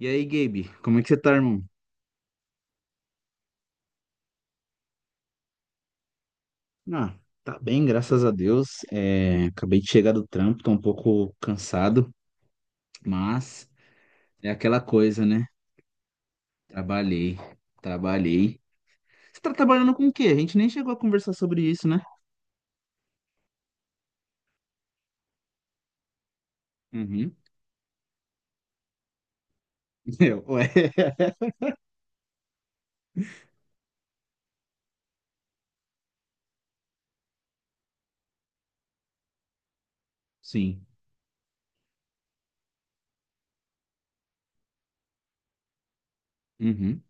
E aí, Gabe, como é que você tá, irmão? Ah, tá bem, graças a Deus. É, acabei de chegar do trampo, tô um pouco cansado, mas é aquela coisa, né? Trabalhei, trabalhei. Você tá trabalhando com o quê? A gente nem chegou a conversar sobre isso, né? Uhum. Eu, ué. Sim. Uhum.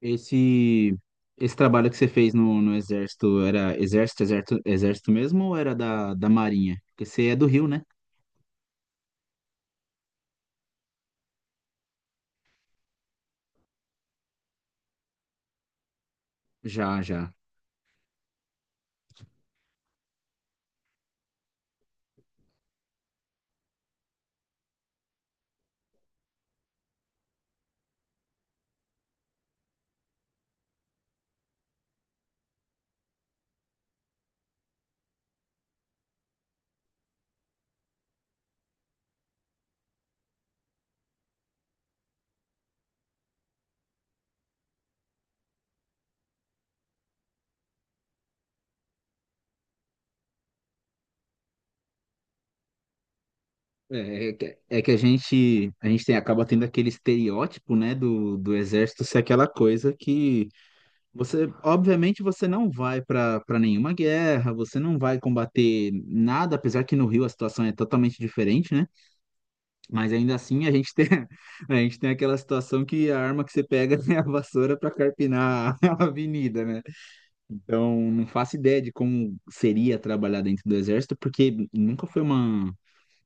Esse, esse trabalho que você fez no exército, era exército, exército, exército mesmo ou era da Marinha? Porque você é do Rio, né? Já, já. É que a gente tem, acaba tendo aquele estereótipo, né, do exército ser aquela coisa que você, obviamente, você não vai para nenhuma guerra, você não vai combater nada, apesar que no Rio a situação é totalmente diferente, né? Mas ainda assim a gente tem, a gente tem aquela situação que a arma que você pega é a vassoura para carpinar a avenida, né? Então, não faço ideia de como seria trabalhar dentro do exército, porque nunca foi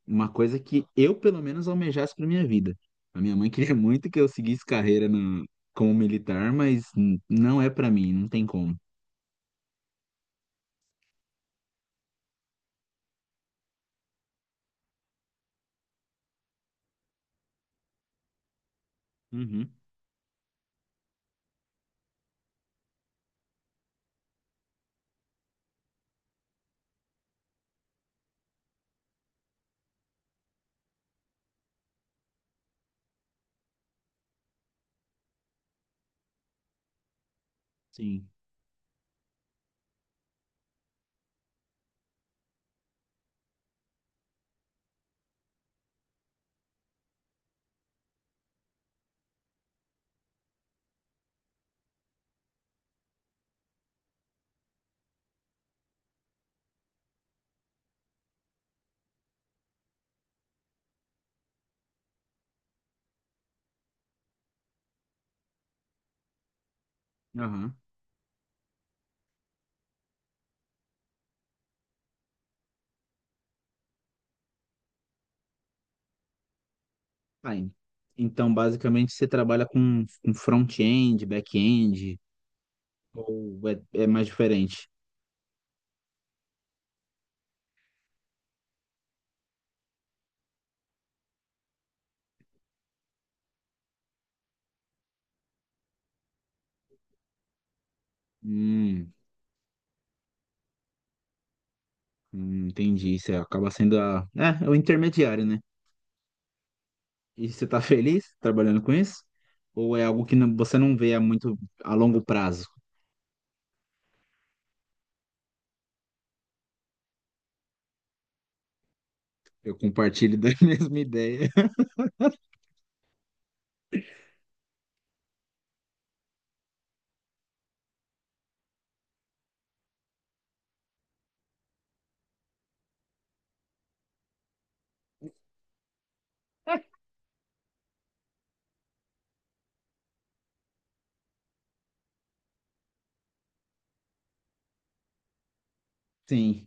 uma coisa que eu, pelo menos, almejasse para minha vida. A minha mãe queria muito que eu seguisse carreira como militar, mas não é para mim, não tem como. Uhum, sim. Aham. Tá, en- Então, basicamente, você trabalha com front-end, back-end, ou é, é mais diferente? Hum, entendi. Você acaba sendo a, é, é o intermediário, né? E você tá feliz trabalhando com isso? Ou é algo que você não vê a muito a longo prazo? Eu compartilho da mesma ideia. Sim.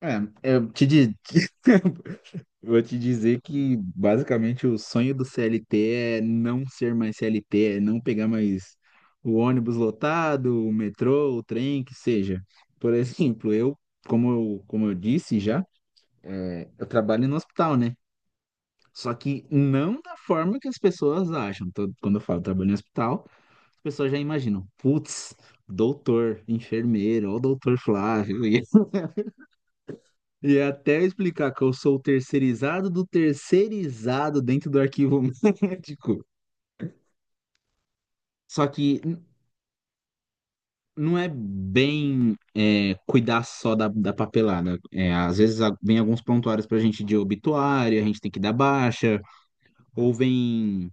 É, eu te di- vou te dizer que basicamente o sonho do CLT é não ser mais CLT, é não pegar mais o ônibus lotado, o metrô, o trem, que seja. Por exemplo, eu, como eu disse já, é, eu trabalho no hospital, né? Só que não da forma que as pessoas acham. Quando eu falo trabalho no hospital, as pessoas já imaginam, putz, doutor, enfermeiro, ó o doutor Flávio. E é até eu explicar que eu sou o terceirizado do terceirizado dentro do arquivo médico. Só que não é bem é, cuidar só da papelada. É, às vezes vem alguns prontuários pra gente de obituário, a gente tem que dar baixa, ou vem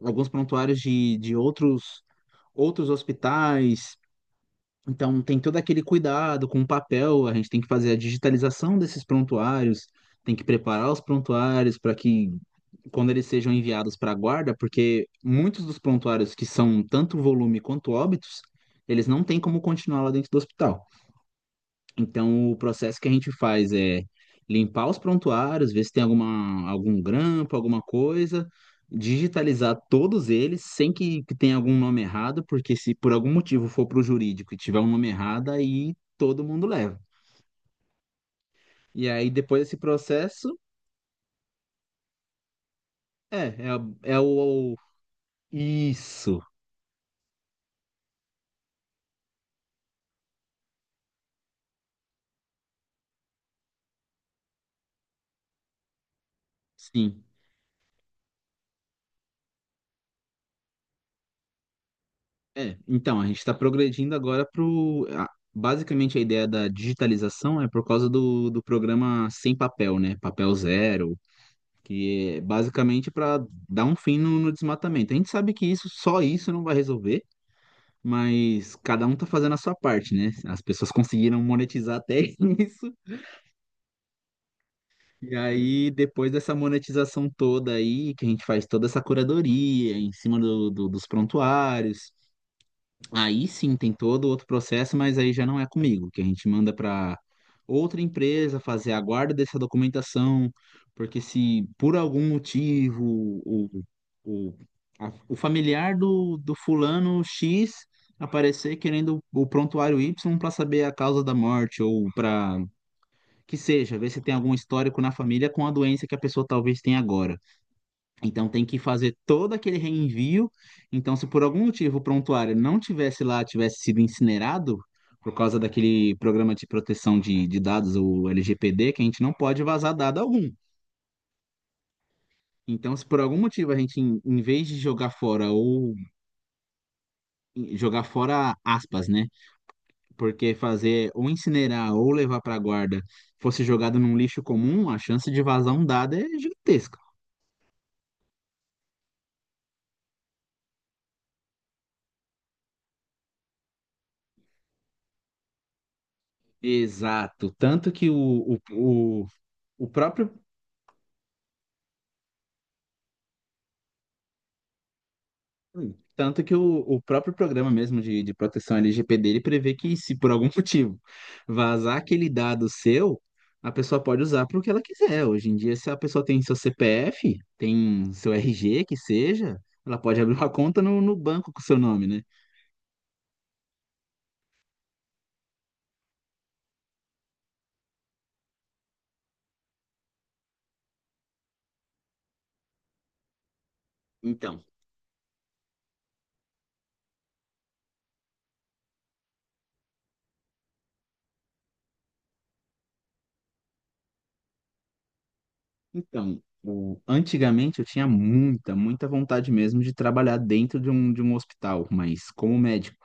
alguns prontuários de outros, outros hospitais. Então, tem todo aquele cuidado com o papel, a gente tem que fazer a digitalização desses prontuários, tem que preparar os prontuários para que, quando eles sejam enviados para a guarda, porque muitos dos prontuários que são tanto volume quanto óbitos, eles não têm como continuar lá dentro do hospital. Então, o processo que a gente faz é limpar os prontuários, ver se tem alguma, algum grampo, alguma coisa, digitalizar todos eles, sem que tenha algum nome errado, porque se por algum motivo for para o jurídico e tiver um nome errado, aí todo mundo leva. E aí, depois desse processo, é, é, é o. o- Isso, sim. É, então, a gente está progredindo agora para o. Basicamente, a ideia da digitalização é por causa do programa Sem Papel, né? Papel Zero, que é basicamente para dar um fim no desmatamento. A gente sabe que isso, só isso não vai resolver, mas cada um tá fazendo a sua parte, né? As pessoas conseguiram monetizar até isso. E aí, depois dessa monetização toda aí, que a gente faz toda essa curadoria em cima dos prontuários, aí sim tem todo outro processo, mas aí já não é comigo, que a gente manda para outra empresa fazer a guarda dessa documentação, porque se por algum motivo o, o, o familiar do fulano X aparecer querendo o prontuário Y para saber a causa da morte, ou para que seja, ver se tem algum histórico na família com a doença que a pessoa talvez tenha agora. Então tem que fazer todo aquele reenvio. Então, se por algum motivo o prontuário não tivesse lá, tivesse sido incinerado, por causa daquele programa de proteção de dados, o LGPD, que a gente não pode vazar dado algum. Então, se por algum motivo a gente, em vez de jogar fora ou jogar fora aspas, né? Porque fazer ou incinerar ou levar para guarda fosse jogado num lixo comum, a chance de vazar um dado é gigantesca. Exato. Tanto que o, o, o, o próprio Hum. Tanto que o próprio programa mesmo de proteção LGPD, ele prevê que se por algum motivo vazar aquele dado seu, a pessoa pode usar para o que ela quiser. Hoje em dia, se a pessoa tem seu CPF, tem seu RG, que seja, ela pode abrir uma conta no banco com seu nome, né? Então, antigamente eu tinha muita, muita vontade mesmo de trabalhar dentro de um hospital, mas como médico.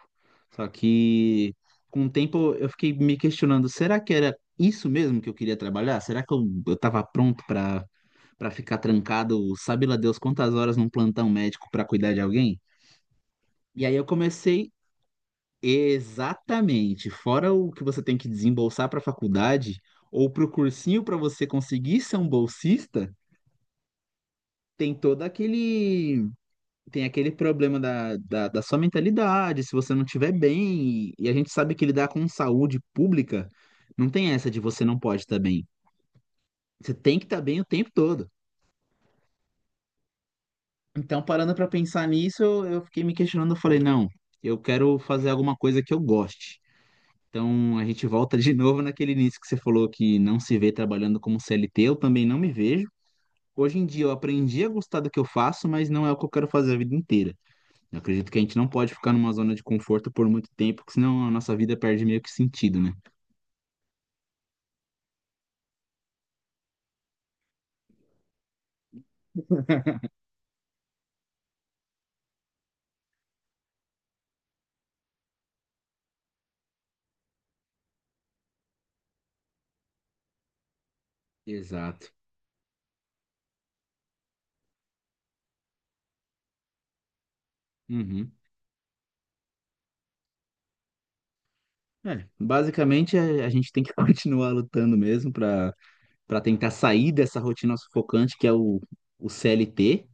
Só que com o tempo eu fiquei me questionando, será que era isso mesmo que eu queria trabalhar? Será que eu tava pronto para para ficar trancado, sabe lá Deus quantas horas num plantão médico para cuidar de alguém? E aí eu comecei exatamente, fora o que você tem que desembolsar para a faculdade ou para o cursinho para você conseguir ser um bolsista, tem todo aquele tem aquele problema da sua mentalidade, se você não estiver bem, e a gente sabe que lidar com saúde pública não tem essa de você não pode estar bem. Você tem que estar bem o tempo todo. Então, parando para pensar nisso, eu fiquei me questionando, eu falei, não, eu quero fazer alguma coisa que eu goste. Então, a gente volta de novo naquele início que você falou que não se vê trabalhando como CLT, eu também não me vejo. Hoje em dia eu aprendi a gostar do que eu faço, mas não é o que eu quero fazer a vida inteira. Eu acredito que a gente não pode ficar numa zona de conforto por muito tempo, porque senão a nossa vida perde meio que sentido, né? Exato. Uhum. É, basicamente a gente tem que continuar lutando mesmo para para tentar sair dessa rotina sufocante que é o CLT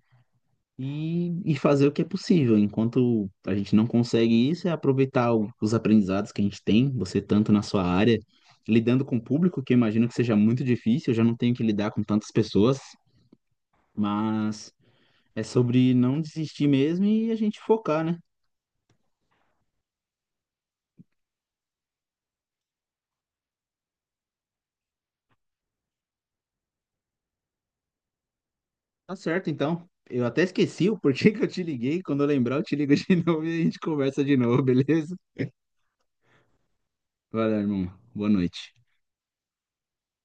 e fazer o que é possível. Enquanto a gente não consegue isso, é aproveitar os aprendizados que a gente tem, você tanto na sua área, lidando com o público, que eu imagino que seja muito difícil, eu já não tenho que lidar com tantas pessoas, mas é sobre não desistir mesmo e a gente focar, né? Tá certo, então. Eu até esqueci o porquê que eu te liguei. Quando eu lembrar, eu te ligo de novo e a gente conversa de novo, beleza? Valeu, irmão. Boa noite.